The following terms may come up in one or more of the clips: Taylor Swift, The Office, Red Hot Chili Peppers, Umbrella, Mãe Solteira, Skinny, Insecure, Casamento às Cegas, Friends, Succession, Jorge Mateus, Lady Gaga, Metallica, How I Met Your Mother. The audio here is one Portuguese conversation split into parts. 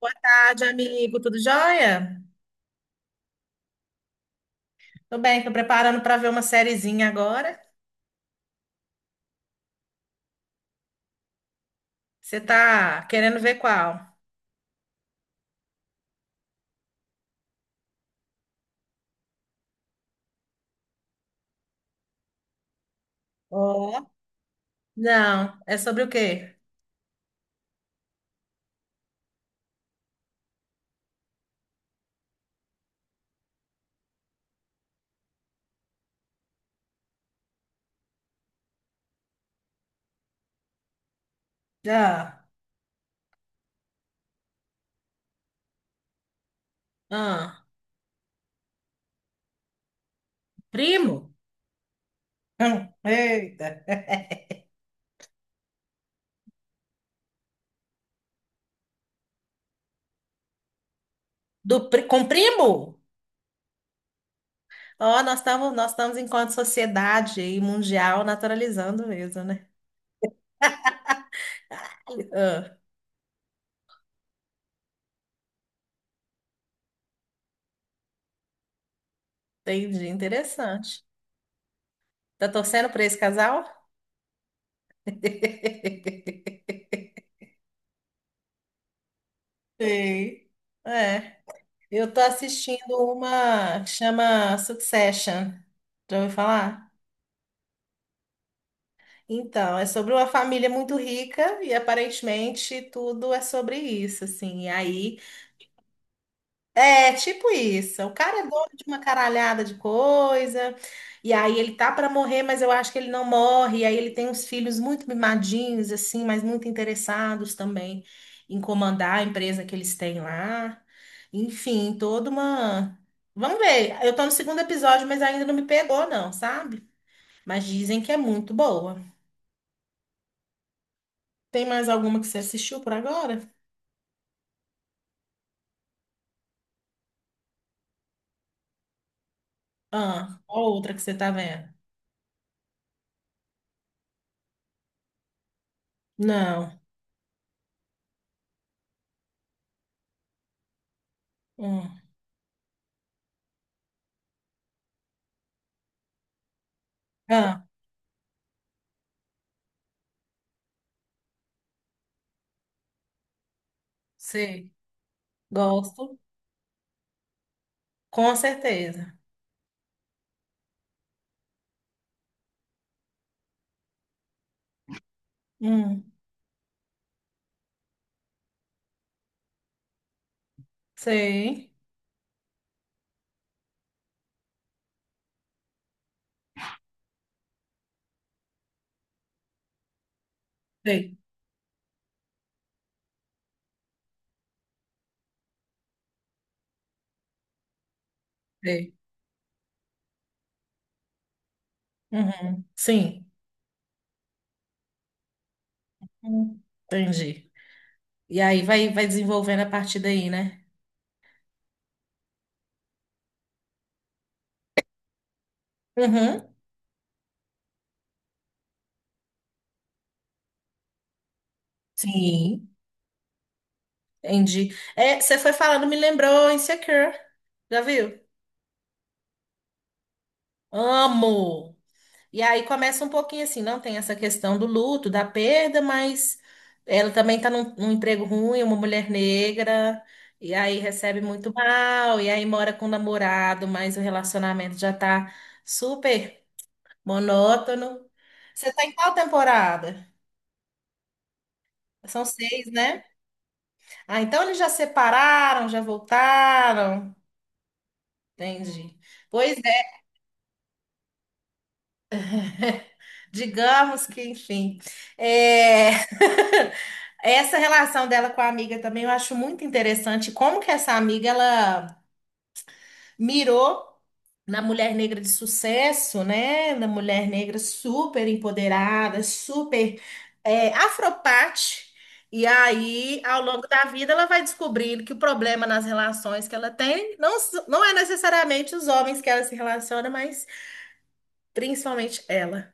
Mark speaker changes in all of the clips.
Speaker 1: Boa tarde, amigo. Tudo jóia? Tô bem, tô preparando para ver uma sériezinha agora. Você tá querendo ver qual? Ó. Não, é sobre o quê? Já. Ah, primo? Eita. Com primo? Ó, nós estamos enquanto sociedade e mundial naturalizando mesmo, né? Ah, entendi, interessante. Tá torcendo para esse casal? Sei. É. Eu tô assistindo uma que chama Succession. Já ouviu falar? Então, é sobre uma família muito rica e aparentemente tudo é sobre isso, assim. E aí é, tipo isso. O cara é dono de uma caralhada de coisa, e aí ele tá pra morrer, mas eu acho que ele não morre. E aí ele tem uns filhos muito mimadinhos, assim, mas muito interessados também em comandar a empresa que eles têm lá. Enfim, toda uma. Vamos ver. Eu tô no segundo episódio, mas ainda não me pegou, não, sabe? Mas dizem que é muito boa. Tem mais alguma que você assistiu por agora? Ah, qual outra que você tá vendo? Não. Hum. Ah, sei. Gosto. Com certeza. Hum, sei. Sei, sei. Uhum. Sim. Entendi. E aí vai, vai desenvolvendo a partir daí, né? Uhum. Sim, entendi. É, você foi falando, me lembrou Insecure. Já viu? Amo! E aí começa um pouquinho assim, não tem essa questão do luto, da perda, mas ela também está num emprego ruim, uma mulher negra, e aí recebe muito mal, e aí mora com o namorado, mas o relacionamento já tá super monótono. Você tá em qual temporada? São seis, né? Ah, então eles já separaram, já voltaram. Entendi. Pois é, digamos que, enfim. É... Essa relação dela com a amiga também eu acho muito interessante. Como que essa amiga ela mirou na mulher negra de sucesso, né? Na mulher negra super empoderada, super é, afropate. E aí, ao longo da vida, ela vai descobrindo que o problema nas relações que ela tem não é necessariamente os homens que ela se relaciona, mas principalmente ela,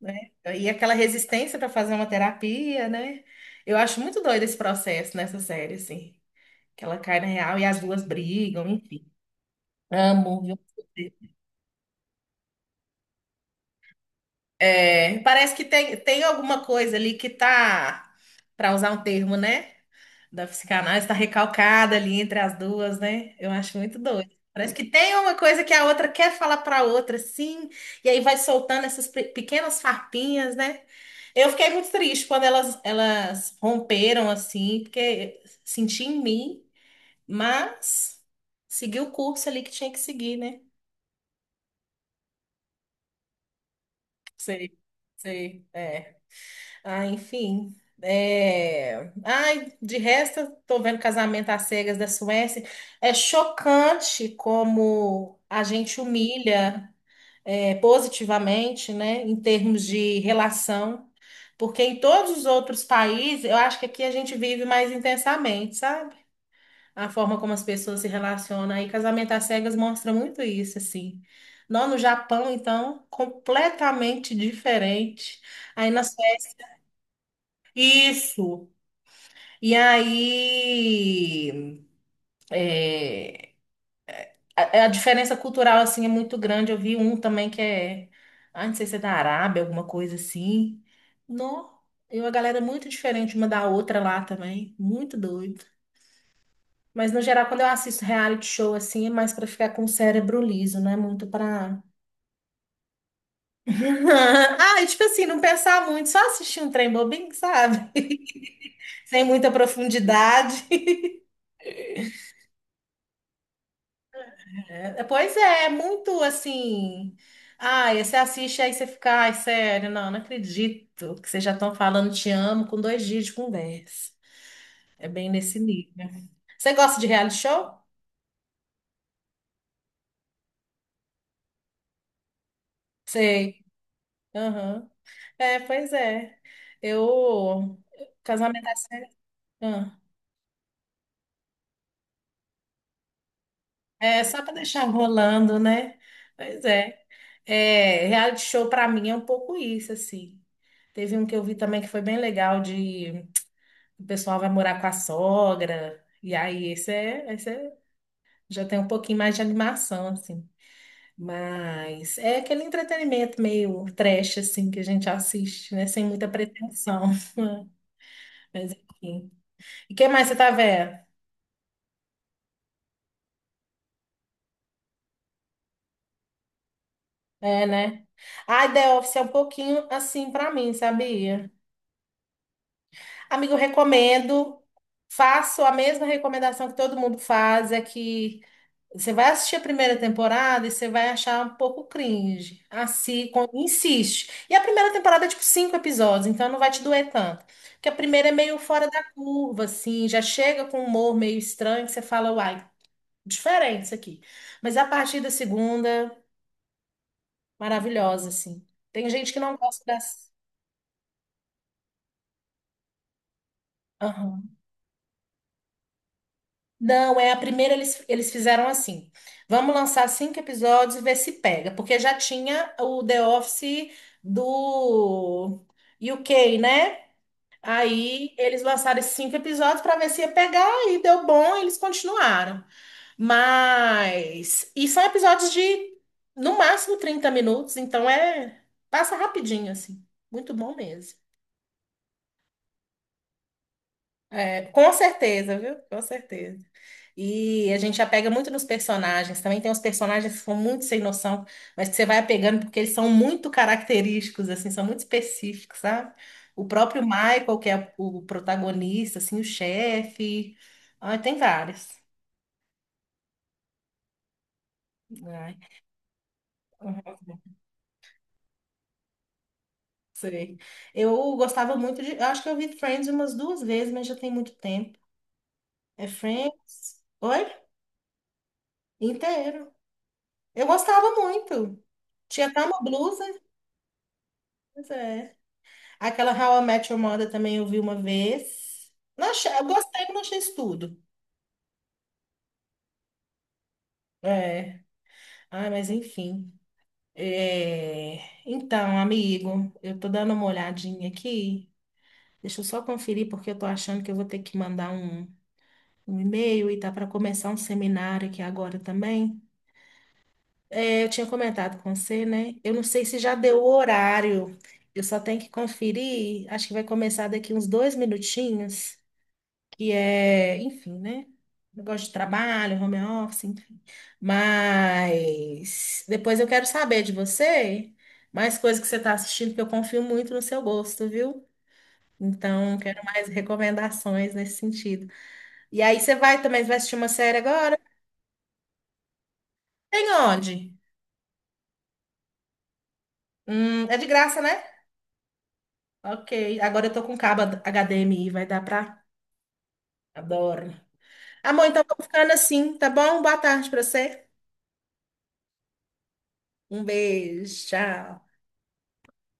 Speaker 1: né? E aquela resistência para fazer uma terapia, né? Eu acho muito doido esse processo nessa série, assim. Que ela cai na real e as duas brigam, enfim. Amo, viu? É, parece que tem, alguma coisa ali que tá, para usar um termo, né? Da psicanálise está recalcada ali entre as duas, né? Eu acho muito doido. Parece que tem uma coisa que a outra quer falar para a outra, sim, e aí vai soltando essas pequenas farpinhas, né? Eu fiquei muito triste quando elas romperam assim, porque senti em mim, mas segui o curso ali que tinha que seguir, né? Sei, sei. É. Ah, enfim. É... Ai, de resto, tô vendo Casamento às Cegas da Suécia. É chocante como a gente humilha é, positivamente, né, em termos de relação, porque em todos os outros países, eu acho que aqui a gente vive mais intensamente, sabe? A forma como as pessoas se relacionam. Aí Casamento às Cegas mostra muito isso, assim. Não, no Japão, então, completamente diferente. Aí na Suécia. Isso. E aí, é, a diferença cultural, assim, é muito grande. Eu vi um também que é, ah, não sei se é da Arábia, alguma coisa assim. Não, e uma galera é muito diferente uma da outra lá também, muito doido. Mas, no geral, quando eu assisto reality show, assim, é mais pra ficar com o cérebro liso, não é muito pra... Ah, e tipo assim, não pensar muito, só assistir um trem bobinho, sabe? Sem muita profundidade. É, pois é, é muito assim. Ai, você assiste aí você fica, ai, sério, não, não acredito que vocês já estão falando te amo com 2 dias de conversa. É bem nesse nível. Você gosta de reality show? Sei. Aham. É, pois é. Eu. Casamento. Ah, é só para deixar rolando, né? Pois é. É, reality show para mim é um pouco isso, assim. Teve um que eu vi também que foi bem legal de o pessoal vai morar com a sogra. E aí, já tem um pouquinho mais de animação, assim. Mas é aquele entretenimento meio trash, assim, que a gente assiste, né? Sem muita pretensão. Mas enfim. E o que mais você tá vendo? É, né? A The Office é um pouquinho assim pra mim, sabia? Amigo, eu recomendo. Faço a mesma recomendação que todo mundo faz, é que você vai assistir a primeira temporada e você vai achar um pouco cringe. Assim, insiste. E a primeira temporada é tipo cinco episódios, então não vai te doer tanto. Porque a primeira é meio fora da curva, assim, já chega com um humor meio estranho que você fala, uai, diferente isso aqui. Mas a partir da segunda, maravilhosa, assim. Tem gente que não gosta das. Não, é a primeira eles fizeram assim. Vamos lançar cinco episódios e ver se pega, porque já tinha o The Office do UK, né? Aí eles lançaram esses cinco episódios para ver se ia pegar e deu bom, eles continuaram. Mas e são episódios de no máximo 30 minutos, então é passa rapidinho assim. Muito bom mesmo. É, com certeza, viu? Com certeza. E a gente apega muito nos personagens. Também tem uns personagens que são muito sem noção, mas que você vai apegando porque eles são muito característicos, assim, são muito específicos, sabe? O próprio Michael, que é o protagonista, assim, o chefe. Ai, tem vários. Ai, uhum, sei. Eu gostava muito de. Eu acho que eu vi Friends umas duas vezes, mas já tem muito tempo. É Friends? Oi? Inteiro. Eu gostava muito. Tinha até uma blusa. Pois é. Aquela How I Met Your Mother também eu vi uma vez. Não achei, eu gostei, mas não achei isso tudo. É. Ai, mas enfim. É, então, amigo, eu tô dando uma olhadinha aqui. Deixa eu só conferir, porque eu tô achando que eu vou ter que mandar um e-mail e tá para começar um seminário aqui agora também. É, eu tinha comentado com você, né? Eu não sei se já deu o horário. Eu só tenho que conferir. Acho que vai começar daqui uns 2 minutinhos. Que é, enfim, né? Negócio de trabalho, home office, enfim. Mas depois eu quero saber de você mais coisas que você está assistindo, que eu confio muito no seu gosto, viu? Então, quero mais recomendações nesse sentido. E aí você vai assistir uma série agora? Tem onde? É de graça, né? Ok. Agora eu tô com cabo HDMI, vai dar pra. Adoro. Amor, então vou ficando assim, tá bom? Boa tarde pra você. Um beijo, tchau.